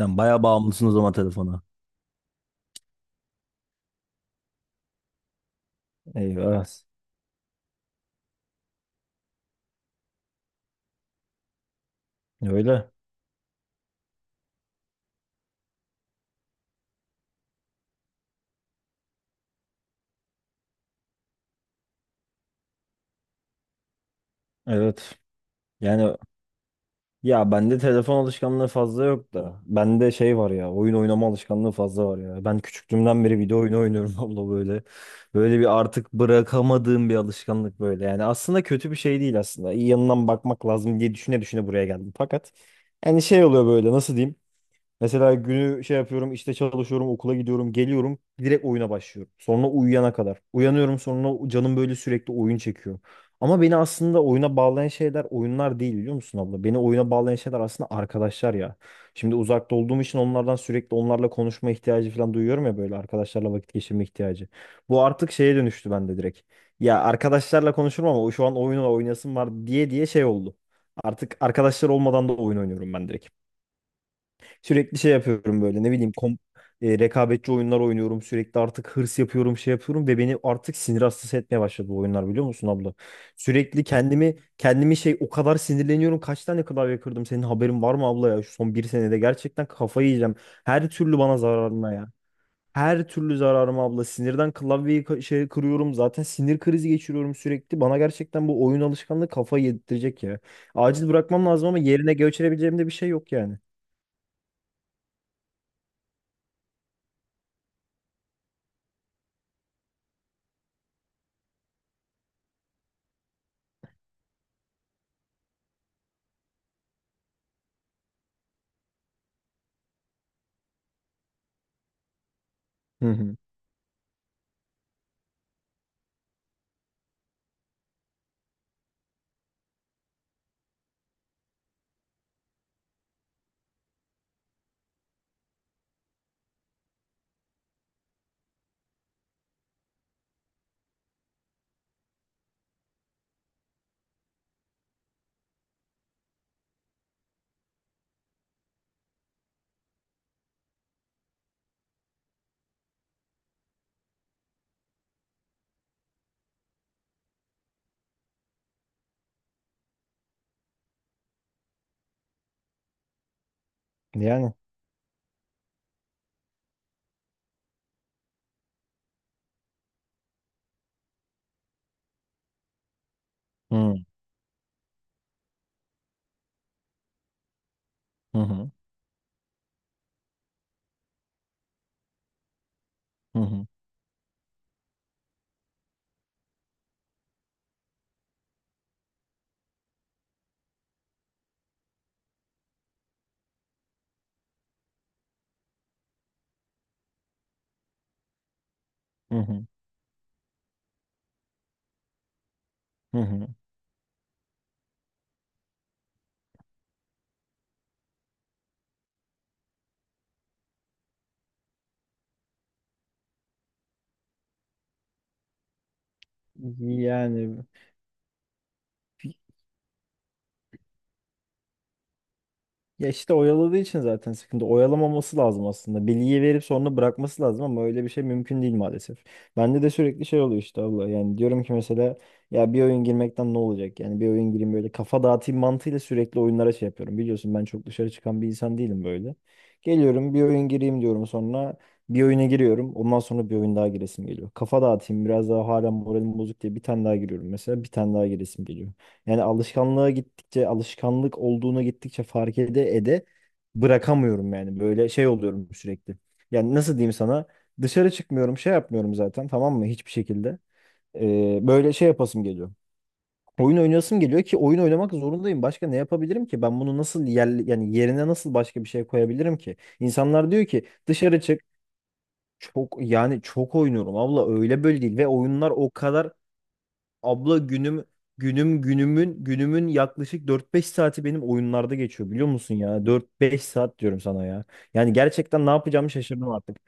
Sen bayağı bağımlısın o zaman telefona. Eyvah. Öyle. Evet. Yani, ya bende telefon alışkanlığı fazla yok da. Bende şey var ya, oyun oynama alışkanlığı fazla var ya. Ben küçüklüğümden beri video oyunu oynuyorum abla böyle. Böyle bir artık bırakamadığım bir alışkanlık böyle. Yani aslında kötü bir şey değil aslında. İyi yanından bakmak lazım diye düşüne düşüne buraya geldim. Fakat yani şey oluyor böyle, nasıl diyeyim. Mesela günü şey yapıyorum, işte çalışıyorum, okula gidiyorum, geliyorum, direkt oyuna başlıyorum. Sonra uyuyana kadar. Uyanıyorum, sonra canım böyle sürekli oyun çekiyor. Ama beni aslında oyuna bağlayan şeyler oyunlar değil, biliyor musun abla? Beni oyuna bağlayan şeyler aslında arkadaşlar ya. Şimdi uzakta olduğum için onlardan sürekli, onlarla konuşma ihtiyacı falan duyuyorum ya, böyle arkadaşlarla vakit geçirme ihtiyacı. Bu artık şeye dönüştü bende direkt. Ya arkadaşlarla konuşurum ama şu an oyunla oynayasım var diye diye şey oldu. Artık arkadaşlar olmadan da oyun oynuyorum ben direkt. Sürekli şey yapıyorum böyle, ne bileyim, rekabetçi oyunlar oynuyorum. Sürekli artık hırs yapıyorum, şey yapıyorum ve beni artık sinir hastası etmeye başladı bu oyunlar, biliyor musun abla? Sürekli kendimi şey, o kadar sinirleniyorum. Kaç tane klavye kırdım, senin haberin var mı abla ya? Şu son bir senede gerçekten kafayı yiyeceğim. Her türlü bana zararına ya. Her türlü zararım abla. Sinirden klavyeyi şey kırıyorum. Zaten sinir krizi geçiriyorum sürekli. Bana gerçekten bu oyun alışkanlığı kafayı yedirtecek ya. Acil bırakmam lazım ama yerine geçirebileceğim de bir şey yok yani. Hı hı. Yani. Hı hı hı hı hı hı. Hı hı. Yani. Ya işte oyaladığı için zaten sıkıntı. Oyalamaması lazım aslında. Bilgiyi verip sonra bırakması lazım ama öyle bir şey mümkün değil maalesef. Bende de sürekli şey oluyor işte abla. Yani diyorum ki mesela, ya bir oyun girmekten ne olacak? Yani bir oyun gireyim böyle, kafa dağıtayım mantığıyla sürekli oyunlara şey yapıyorum. Biliyorsun ben çok dışarı çıkan bir insan değilim böyle. Geliyorum bir oyun gireyim diyorum, sonra bir oyuna giriyorum. Ondan sonra bir oyun daha giresim geliyor. Kafa dağıtayım biraz daha, hala moralim bozuk diye bir tane daha giriyorum, mesela bir tane daha giresim geliyor. Yani alışkanlığa gittikçe, alışkanlık olduğuna gittikçe fark ede ede bırakamıyorum yani. Böyle şey oluyorum sürekli. Yani nasıl diyeyim sana? Dışarı çıkmıyorum, şey yapmıyorum zaten, tamam mı? Hiçbir şekilde. Böyle şey yapasım geliyor. Oyun oynayasım geliyor ki oyun oynamak zorundayım. Başka ne yapabilirim ki? Ben bunu nasıl yer, yani yerine nasıl başka bir şey koyabilirim ki? İnsanlar diyor ki dışarı çık. Çok, yani çok oynuyorum abla, öyle böyle değil ve oyunlar o kadar. Abla günümün yaklaşık 4-5 saati benim oyunlarda geçiyor, biliyor musun ya? Dört beş saat diyorum sana ya. Yani gerçekten ne yapacağımı şaşırdım artık.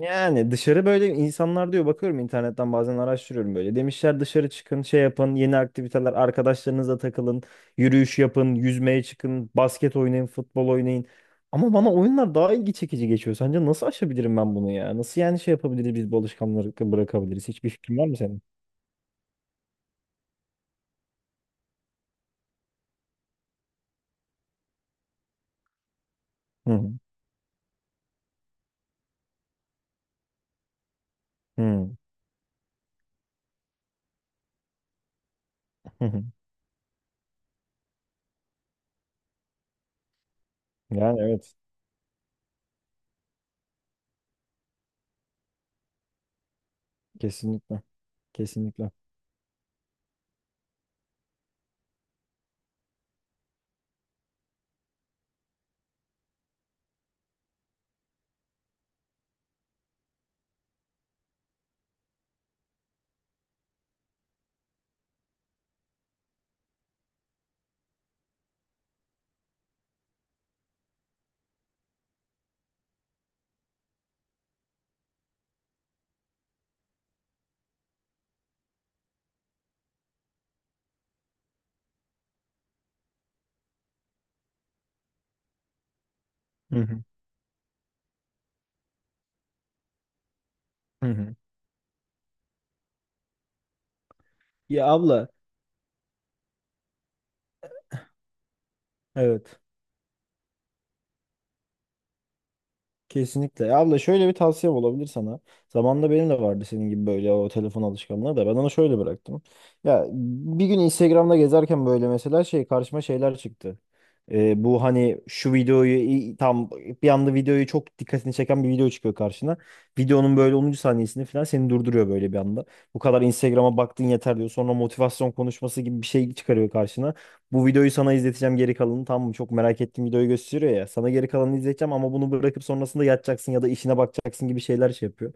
Yani dışarı, böyle insanlar diyor, bakıyorum internetten bazen, araştırıyorum böyle. Demişler dışarı çıkın, şey yapın, yeni aktiviteler, arkadaşlarınızla takılın, yürüyüş yapın, yüzmeye çıkın, basket oynayın, futbol oynayın. Ama bana oyunlar daha ilgi çekici geçiyor. Sence nasıl aşabilirim ben bunu ya? Nasıl, yani şey yapabiliriz biz, bu alışkanlıkları bırakabiliriz? Hiçbir fikrin var mı senin? Hı hı. Hı. Hı hı. Yani evet, kesinlikle, kesinlikle. Hı hı. Hı hı. Ya abla, evet, kesinlikle. Ya abla, şöyle bir tavsiye olabilir sana. Zamanında benim de vardı senin gibi böyle o telefon alışkanlığı da, ben onu şöyle bıraktım. Ya bir gün Instagram'da gezerken böyle mesela şey, karşıma şeyler çıktı. Bu hani, şu tam bir anda videoyu, çok dikkatini çeken bir video çıkıyor karşına. Videonun böyle 10. saniyesini falan seni durduruyor böyle bir anda. Bu kadar Instagram'a baktın yeter diyor. Sonra motivasyon konuşması gibi bir şey çıkarıyor karşına. Bu videoyu sana izleteceğim geri kalanını, tamam mı? Çok merak ettiğim videoyu gösteriyor ya. Sana geri kalanını izleteceğim ama bunu bırakıp sonrasında yatacaksın ya da işine bakacaksın gibi şeyler şey yapıyor.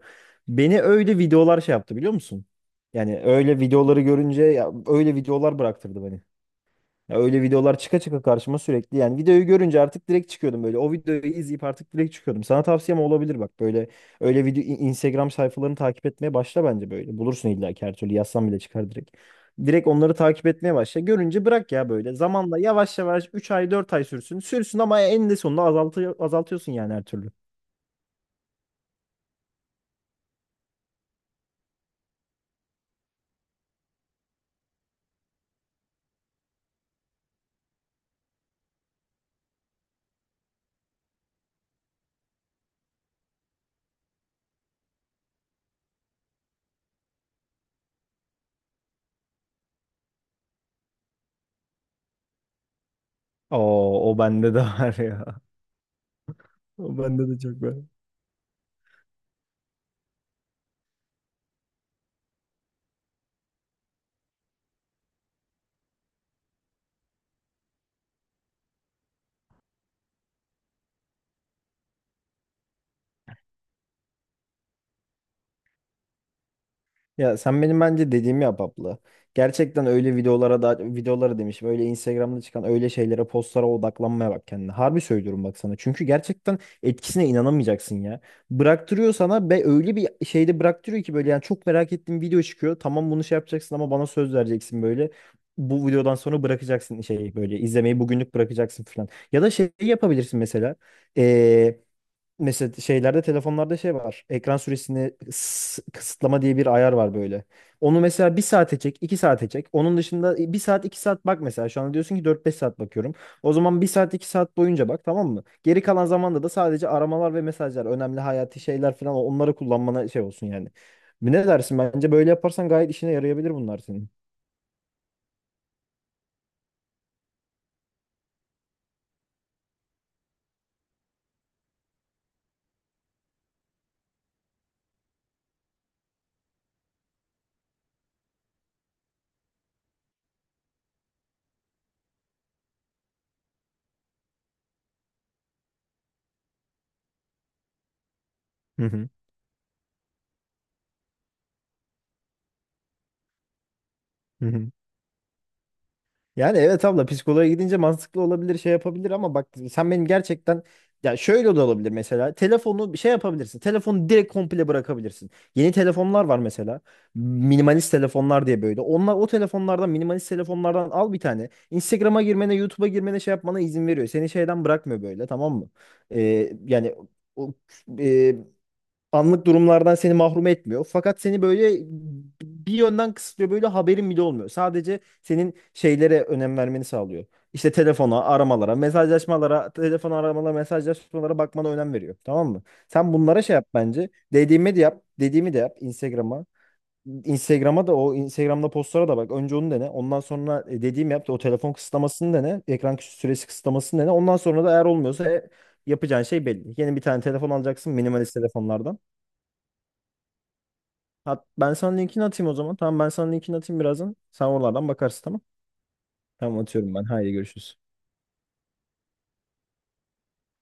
Beni öyle videolar şey yaptı, biliyor musun? Yani öyle videoları görünce ya, öyle videolar bıraktırdı beni. Ya öyle videolar çıka çıka karşıma sürekli. Yani videoyu görünce artık direkt çıkıyordum böyle. O videoyu izleyip artık direkt çıkıyordum. Sana tavsiyem olabilir bak, böyle öyle video, Instagram sayfalarını takip etmeye başla bence böyle. Bulursun illa ki, her türlü yazsan bile çıkar direkt. Direkt onları takip etmeye başla. Görünce bırak ya böyle. Zamanla yavaş yavaş, 3-4 ay sürsün. Sürsün ama en de sonunda azaltıyorsun yani her türlü. Oo, o bende de var ya. O bende de çok var. Ya sen benim bence dediğimi yap abla. Gerçekten öyle videolara da, videolara demişim. Öyle Instagram'da çıkan öyle şeylere, postlara odaklanmaya bak kendine. Harbi söylüyorum bak sana. Çünkü gerçekten etkisine inanamayacaksın ya. Bıraktırıyor sana ve öyle bir şeyde bıraktırıyor ki böyle, yani çok merak ettiğim video çıkıyor. Tamam bunu şey yapacaksın ama bana söz vereceksin böyle. Bu videodan sonra bırakacaksın, şey böyle izlemeyi bugünlük bırakacaksın falan. Ya da şey yapabilirsin mesela. Mesela şeylerde, telefonlarda şey var. Ekran süresini kısıtlama diye bir ayar var böyle. Onu mesela 1 saate çek, 2 saate çek. Onun dışında 1 saat, 2 saat bak mesela. Şu anda diyorsun ki 4-5 saat bakıyorum. O zaman 1 saat, 2 saat boyunca bak, tamam mı? Geri kalan zamanda da sadece aramalar ve mesajlar, önemli hayati şeyler falan, onları kullanmana şey olsun yani. Ne dersin? Bence böyle yaparsan gayet işine yarayabilir bunlar senin. Hı hı. Hı hı. Yani evet abla, psikoloğa gidince mantıklı olabilir, şey yapabilir ama bak sen benim gerçekten, ya şöyle de olabilir mesela, telefonu bir şey yapabilirsin, telefonu direkt komple bırakabilirsin. Yeni telefonlar var mesela, minimalist telefonlar diye böyle, onlar o telefonlardan, minimalist telefonlardan al bir tane. Instagram'a girmene, YouTube'a girmene şey yapmana izin veriyor, seni şeyden bırakmıyor böyle, tamam mı? Yani o, e, anlık durumlardan seni mahrum etmiyor. Fakat seni böyle bir yönden kısıtlıyor. Böyle haberin bile olmuyor. Sadece senin şeylere önem vermeni sağlıyor. İşte telefona, aramalara, mesajlaşmalara, telefon aramalara, mesajlaşmalara bakmana önem veriyor. Tamam mı? Sen bunlara şey yap bence. Dediğimi de yap. Dediğimi de yap Instagram'a. Instagram'a da, o Instagram'da postlara da bak. Önce onu dene. Ondan sonra dediğimi yap. O telefon kısıtlamasını dene. Ekran süresi kısıtlamasını dene. Ondan sonra da eğer olmuyorsa, yapacağın şey belli. Yeni bir tane telefon alacaksın minimalist telefonlardan. Ben sana linkini atayım o zaman. Tamam, ben sana linkini atayım birazdan. Sen oralardan bakarsın, tamam. Tamam, atıyorum ben. Haydi görüşürüz.